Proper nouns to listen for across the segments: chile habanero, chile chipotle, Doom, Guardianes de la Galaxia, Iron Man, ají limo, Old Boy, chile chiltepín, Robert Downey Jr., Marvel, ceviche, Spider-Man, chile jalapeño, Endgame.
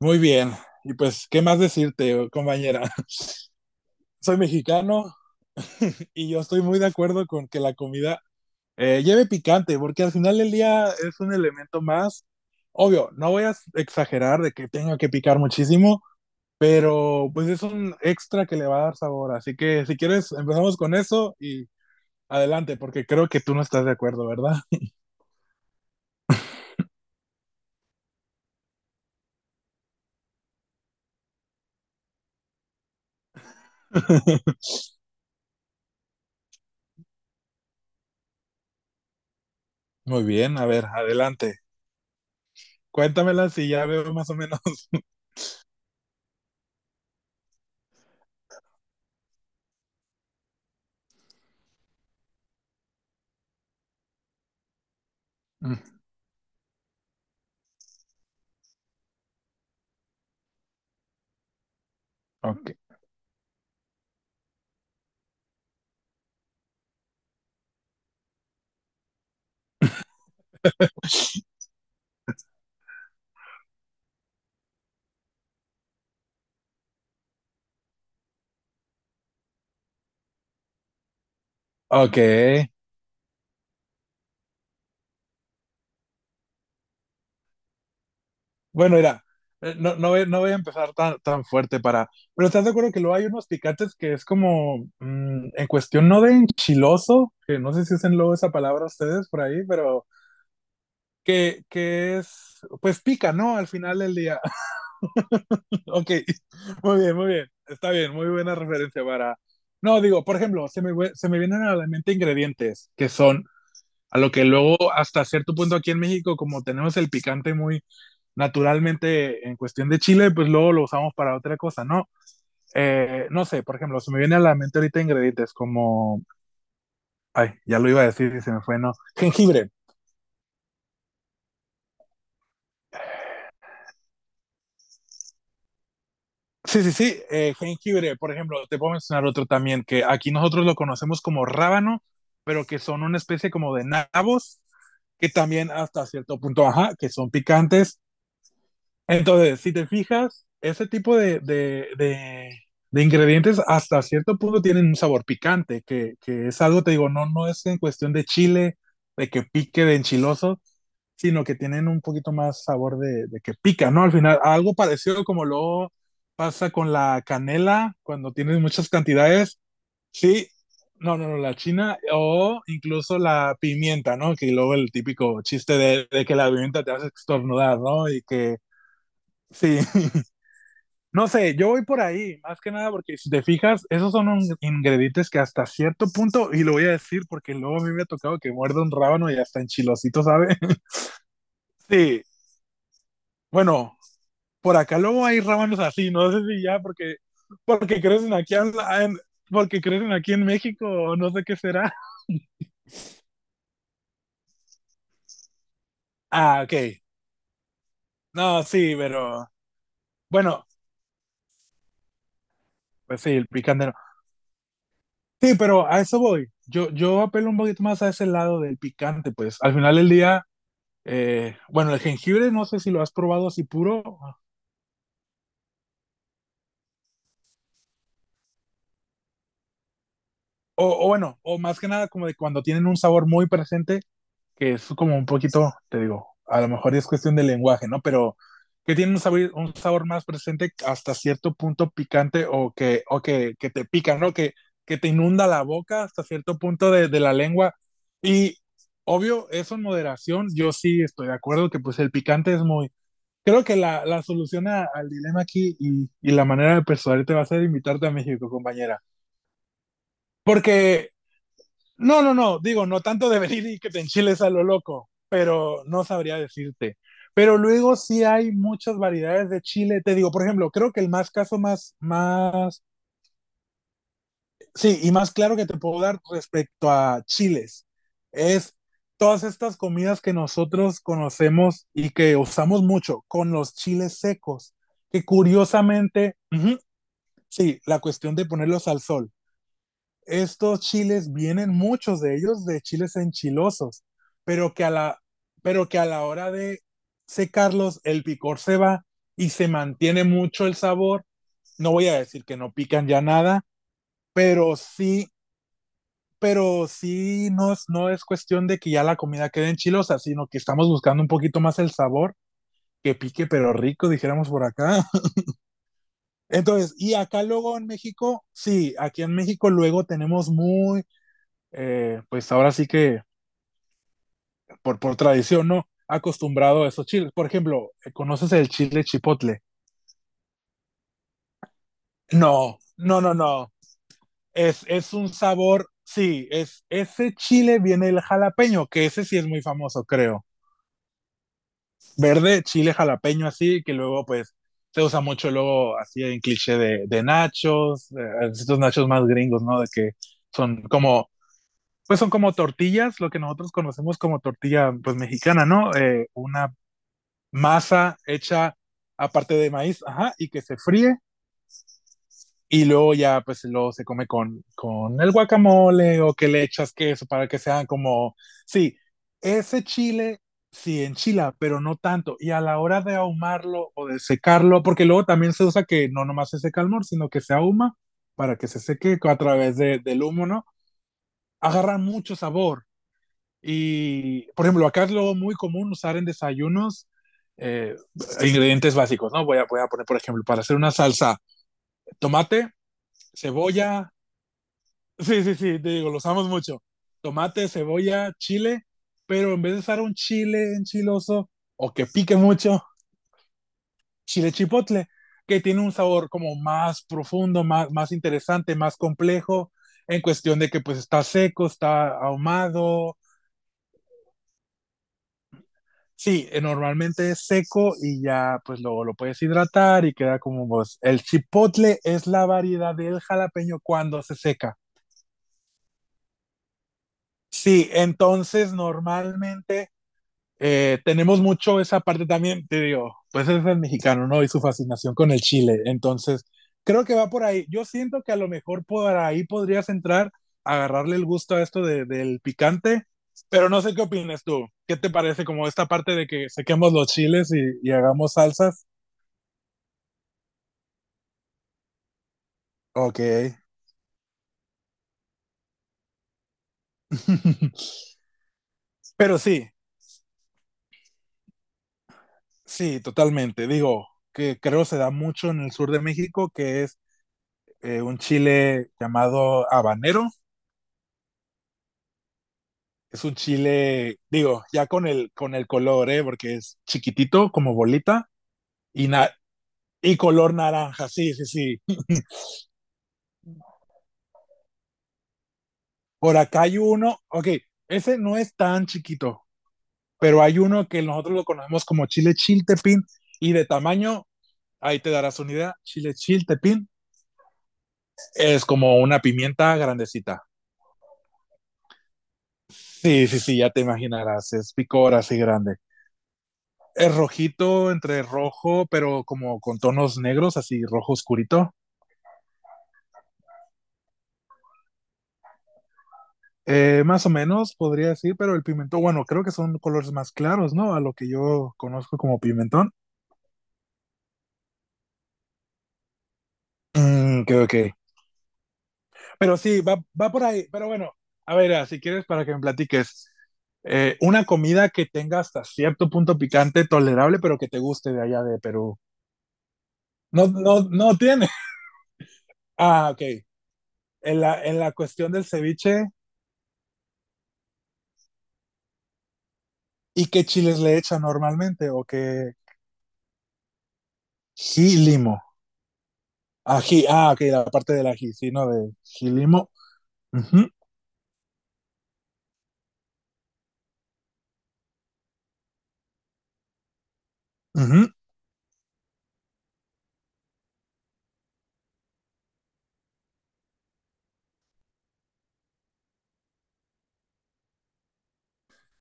Muy bien. Y pues, ¿qué más decirte, compañera? Soy mexicano y yo estoy muy de acuerdo con que la comida lleve picante, porque al final del día es un elemento más. Obvio, no voy a exagerar de que tenga que picar muchísimo, pero pues es un extra que le va a dar sabor. Así que si quieres, empezamos con eso y adelante, porque creo que tú no estás de acuerdo, ¿verdad? Muy bien, a ver, adelante. Cuéntamela si ya veo más o menos. Mm, Ok. Ok. Bueno, mira, no voy a empezar tan fuerte para... Pero estás de acuerdo que luego hay unos picantes que es como, en cuestión no de enchiloso, que no sé si usen luego esa palabra ustedes por ahí, pero que es, pues pica, ¿no? Al final del día. Ok, muy bien, muy bien. Está bien, muy buena referencia para... No, digo, por ejemplo, se me vienen a la mente ingredientes que son a lo que luego hasta cierto punto aquí en México, como tenemos el picante muy naturalmente en cuestión de chile, pues luego lo usamos para otra cosa, ¿no? No sé, por ejemplo, se me viene a la mente ahorita ingredientes como, ay, ya lo iba a decir y se me fue, no, jengibre. Sí, sí, sí, jengibre, por ejemplo, te puedo mencionar otro también, que aquí nosotros lo conocemos como rábano, pero que son una especie como de nabos, que también hasta cierto punto, ajá, que son picantes. Entonces, si te fijas, ese tipo de de ingredientes hasta cierto punto tienen un sabor picante, que es algo, te digo, no, no es en cuestión de chile, de que pique, de enchiloso, sino que tienen un poquito más sabor de que pica, ¿no? Al final, algo parecido como lo pasa con la canela, cuando tienes muchas cantidades, sí, no, la china o incluso la pimienta, ¿no? Que luego el típico chiste de que la pimienta te hace estornudar, ¿no? Y que sí, no sé, yo voy por ahí, más que nada porque si te fijas, esos son ingredientes que hasta cierto punto, y lo voy a decir porque luego a mí me ha tocado que muerde un rábano y hasta enchilosito, ¿sabe? Sí, bueno, por acá luego hay rábanos así, no sé si ya porque, porque crecen aquí, porque crecen aquí en México o no sé qué será. Ah, ok. No, sí, pero bueno, pues sí, el picante no. Sí, pero a eso voy. Yo apelo un poquito más a ese lado del picante, pues al final del día bueno, el jengibre no sé si lo has probado así puro, o bueno, o más que nada como de cuando tienen un sabor muy presente, que es como un poquito, te digo, a lo mejor es cuestión de lenguaje, ¿no? Pero que tienen un sabor más presente hasta cierto punto picante o que, que te pica, ¿no? Que te inunda la boca hasta cierto punto de la lengua. Y obvio, eso en moderación, yo sí estoy de acuerdo que pues el picante es muy, creo que la solución al dilema aquí y la manera de persuadirte va a ser invitarte a México, compañera. Porque, no, digo, no tanto de venir y que te enchiles a lo loco, pero no sabría decirte. Pero luego sí hay muchas variedades de chile. Te digo, por ejemplo, creo que el más más, sí, y más claro que te puedo dar respecto a chiles es todas estas comidas que nosotros conocemos y que usamos mucho con los chiles secos que curiosamente, ujú, sí, la cuestión de ponerlos al sol. Estos chiles vienen, muchos de ellos, de chiles enchilosos, pero que a la, pero que a la hora de secarlos, el picor se va y se mantiene mucho el sabor. No voy a decir que no pican ya nada, pero sí, pero sí no es, no es cuestión de que ya la comida quede enchilosa, sino que estamos buscando un poquito más el sabor, que pique pero rico, dijéramos por acá. Entonces, y acá luego en México, sí, aquí en México luego tenemos muy, pues ahora sí que por tradición, ¿no? Acostumbrado a esos chiles. Por ejemplo, ¿conoces el chile chipotle? No, no, no, no. Es un sabor, sí, es ese chile viene el jalapeño, que ese sí es muy famoso, creo. Verde, chile jalapeño así, que luego pues se usa mucho luego así en cliché de nachos, de, estos nachos más gringos, ¿no? De que son como pues son como tortillas, lo que nosotros conocemos como tortilla pues mexicana, ¿no? Una masa hecha aparte de maíz, ajá, y que se fríe y luego ya pues luego se come con el guacamole o que le echas queso para que sean como, sí, ese chile sí enchila, pero no tanto. Y a la hora de ahumarlo o de secarlo, porque luego también se usa que no nomás se seca el mor, sino que se ahuma para que se seque a través del humo, ¿no? Agarra mucho sabor. Y, por ejemplo, acá es lo muy común usar en desayunos eh, ingredientes básicos, ¿no? Voy a poner, por ejemplo, para hacer una salsa, tomate, cebolla, sí, sí, sí, te digo, lo usamos mucho, tomate, cebolla, chile, pero en vez de usar un chile enchiloso o que pique mucho, chile chipotle, que tiene un sabor como más profundo, más interesante, más complejo, en cuestión de que pues está seco, está ahumado. Sí, normalmente es seco y ya pues luego lo puedes hidratar y queda como vos. El chipotle es la variedad del jalapeño cuando se seca. Sí, entonces normalmente tenemos mucho esa parte también, te digo, pues es el mexicano, ¿no? Y su fascinación con el chile. Entonces, creo que va por ahí. Yo siento que a lo mejor por ahí podrías entrar, agarrarle el gusto a esto del picante, pero no sé qué opinas tú. ¿Qué te parece como esta parte de que sequemos los chiles y hagamos salsas? Ok. Pero sí, sí, totalmente. Digo, que creo se da mucho en el sur de México, que es un chile llamado habanero. Es un chile, digo, ya con el color, ¿eh? Porque es chiquitito, como bolita, y, na y color naranja, sí, sí, sí. Por acá hay uno, ok, ese no es tan chiquito, pero hay uno que nosotros lo conocemos como chile chiltepín, y de tamaño, ahí te darás una idea, chile chiltepín. Es como una pimienta grandecita. Sí, sí, sí, ya te imaginarás, es picor así grande. Es rojito entre rojo, pero como con tonos negros, así rojo oscurito. Más o menos podría decir, pero el pimentón, bueno, creo que son colores más claros, ¿no? A lo que yo conozco como pimentón. Mm, creo que. Pero sí, va, va por ahí. Pero bueno, a ver, ah, si quieres, para que me platiques. Una comida que tenga hasta cierto punto picante, tolerable, pero que te guste de allá de Perú. No, no, no tiene. Ah, ok. En la cuestión del ceviche, ¿y qué chiles le echan normalmente? ¿O qué? Ají limo. Ají. Ah, ok, la parte del ají, sí, ¿no? De jilimo. Ujú, ujú.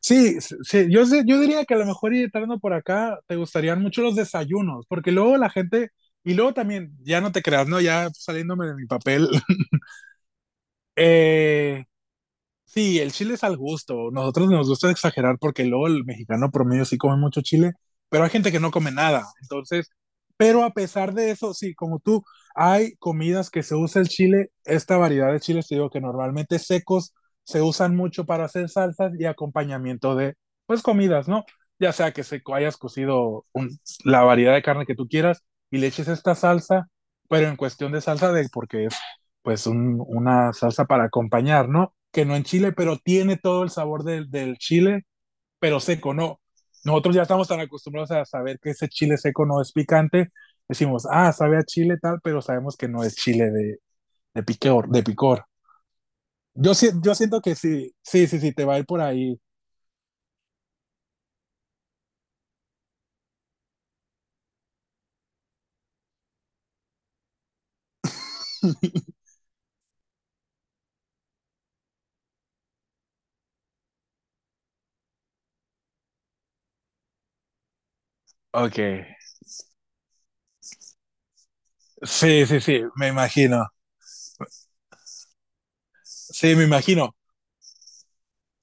Sí, yo diría que a lo mejor ir entrando por acá te gustarían mucho los desayunos, porque luego la gente, y luego también, ya no te creas, ¿no? Ya saliéndome de mi papel, eh, sí, el chile es al gusto. Nosotros nos gusta exagerar porque luego el mexicano promedio sí come mucho chile, pero hay gente que no come nada. Entonces, pero a pesar de eso, sí, como tú, hay comidas que se usa el chile, esta variedad de chiles, te digo que normalmente secos se usan mucho para hacer salsas y acompañamiento de, pues, comidas, ¿no? Ya sea que hayas cocido la variedad de carne que tú quieras y le eches esta salsa, pero en cuestión de salsa, de porque pues una salsa para acompañar, ¿no? Que no en Chile, pero tiene todo el sabor del chile, pero seco, ¿no? Nosotros ya estamos tan acostumbrados a saber que ese chile seco no es picante. Decimos, ah, sabe a chile tal, pero sabemos que no es chile de picor, de picor. Yo, si- yo siento que sí, sí, sí, sí, te va a ir por ahí. Ok. Sí, sí, sí, me imagino. Sí, me imagino.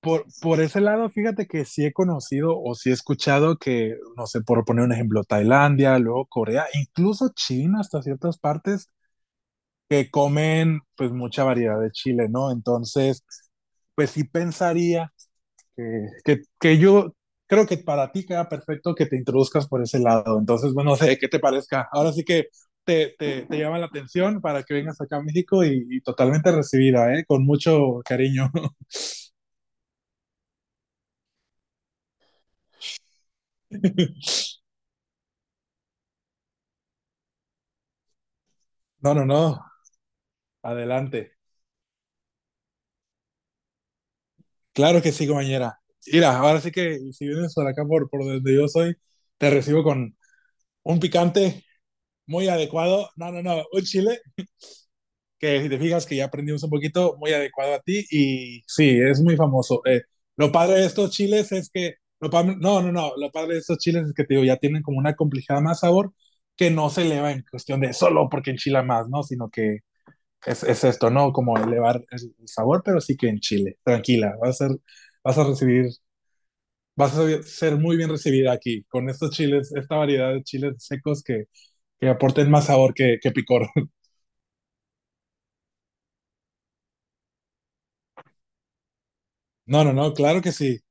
Por ese lado, fíjate que sí he conocido o sí he escuchado que, no sé, por poner un ejemplo, Tailandia, luego Corea, incluso China hasta ciertas partes que comen pues mucha variedad de chile, ¿no? Entonces, pues sí pensaría que yo creo que para ti queda perfecto que te introduzcas por ese lado. Entonces, bueno, no sé qué te parezca. Ahora sí que te llama la atención para que vengas acá a México y totalmente recibida, ¿eh? Con mucho cariño. No, no, no. Adelante. Claro que sí, compañera. Mira, ahora sí que si vienes por acá, por donde yo soy, te recibo con un picante muy adecuado. No, no, no, un chile que si te fijas que ya aprendimos un poquito, muy adecuado a ti y sí, es muy famoso. Lo padre de estos chiles es que, lo pa- no, no, no, lo padre de estos chiles es que te digo, ya tienen como una complejidad más sabor que no se eleva en cuestión de solo porque enchila más, ¿no? Sino que es esto, ¿no? Como elevar el sabor, pero sí que en chile. Tranquila, vas a recibir, vas a ser muy bien recibida aquí con estos chiles, esta variedad de chiles secos que aporten más sabor que picor. No, no, no, claro que sí.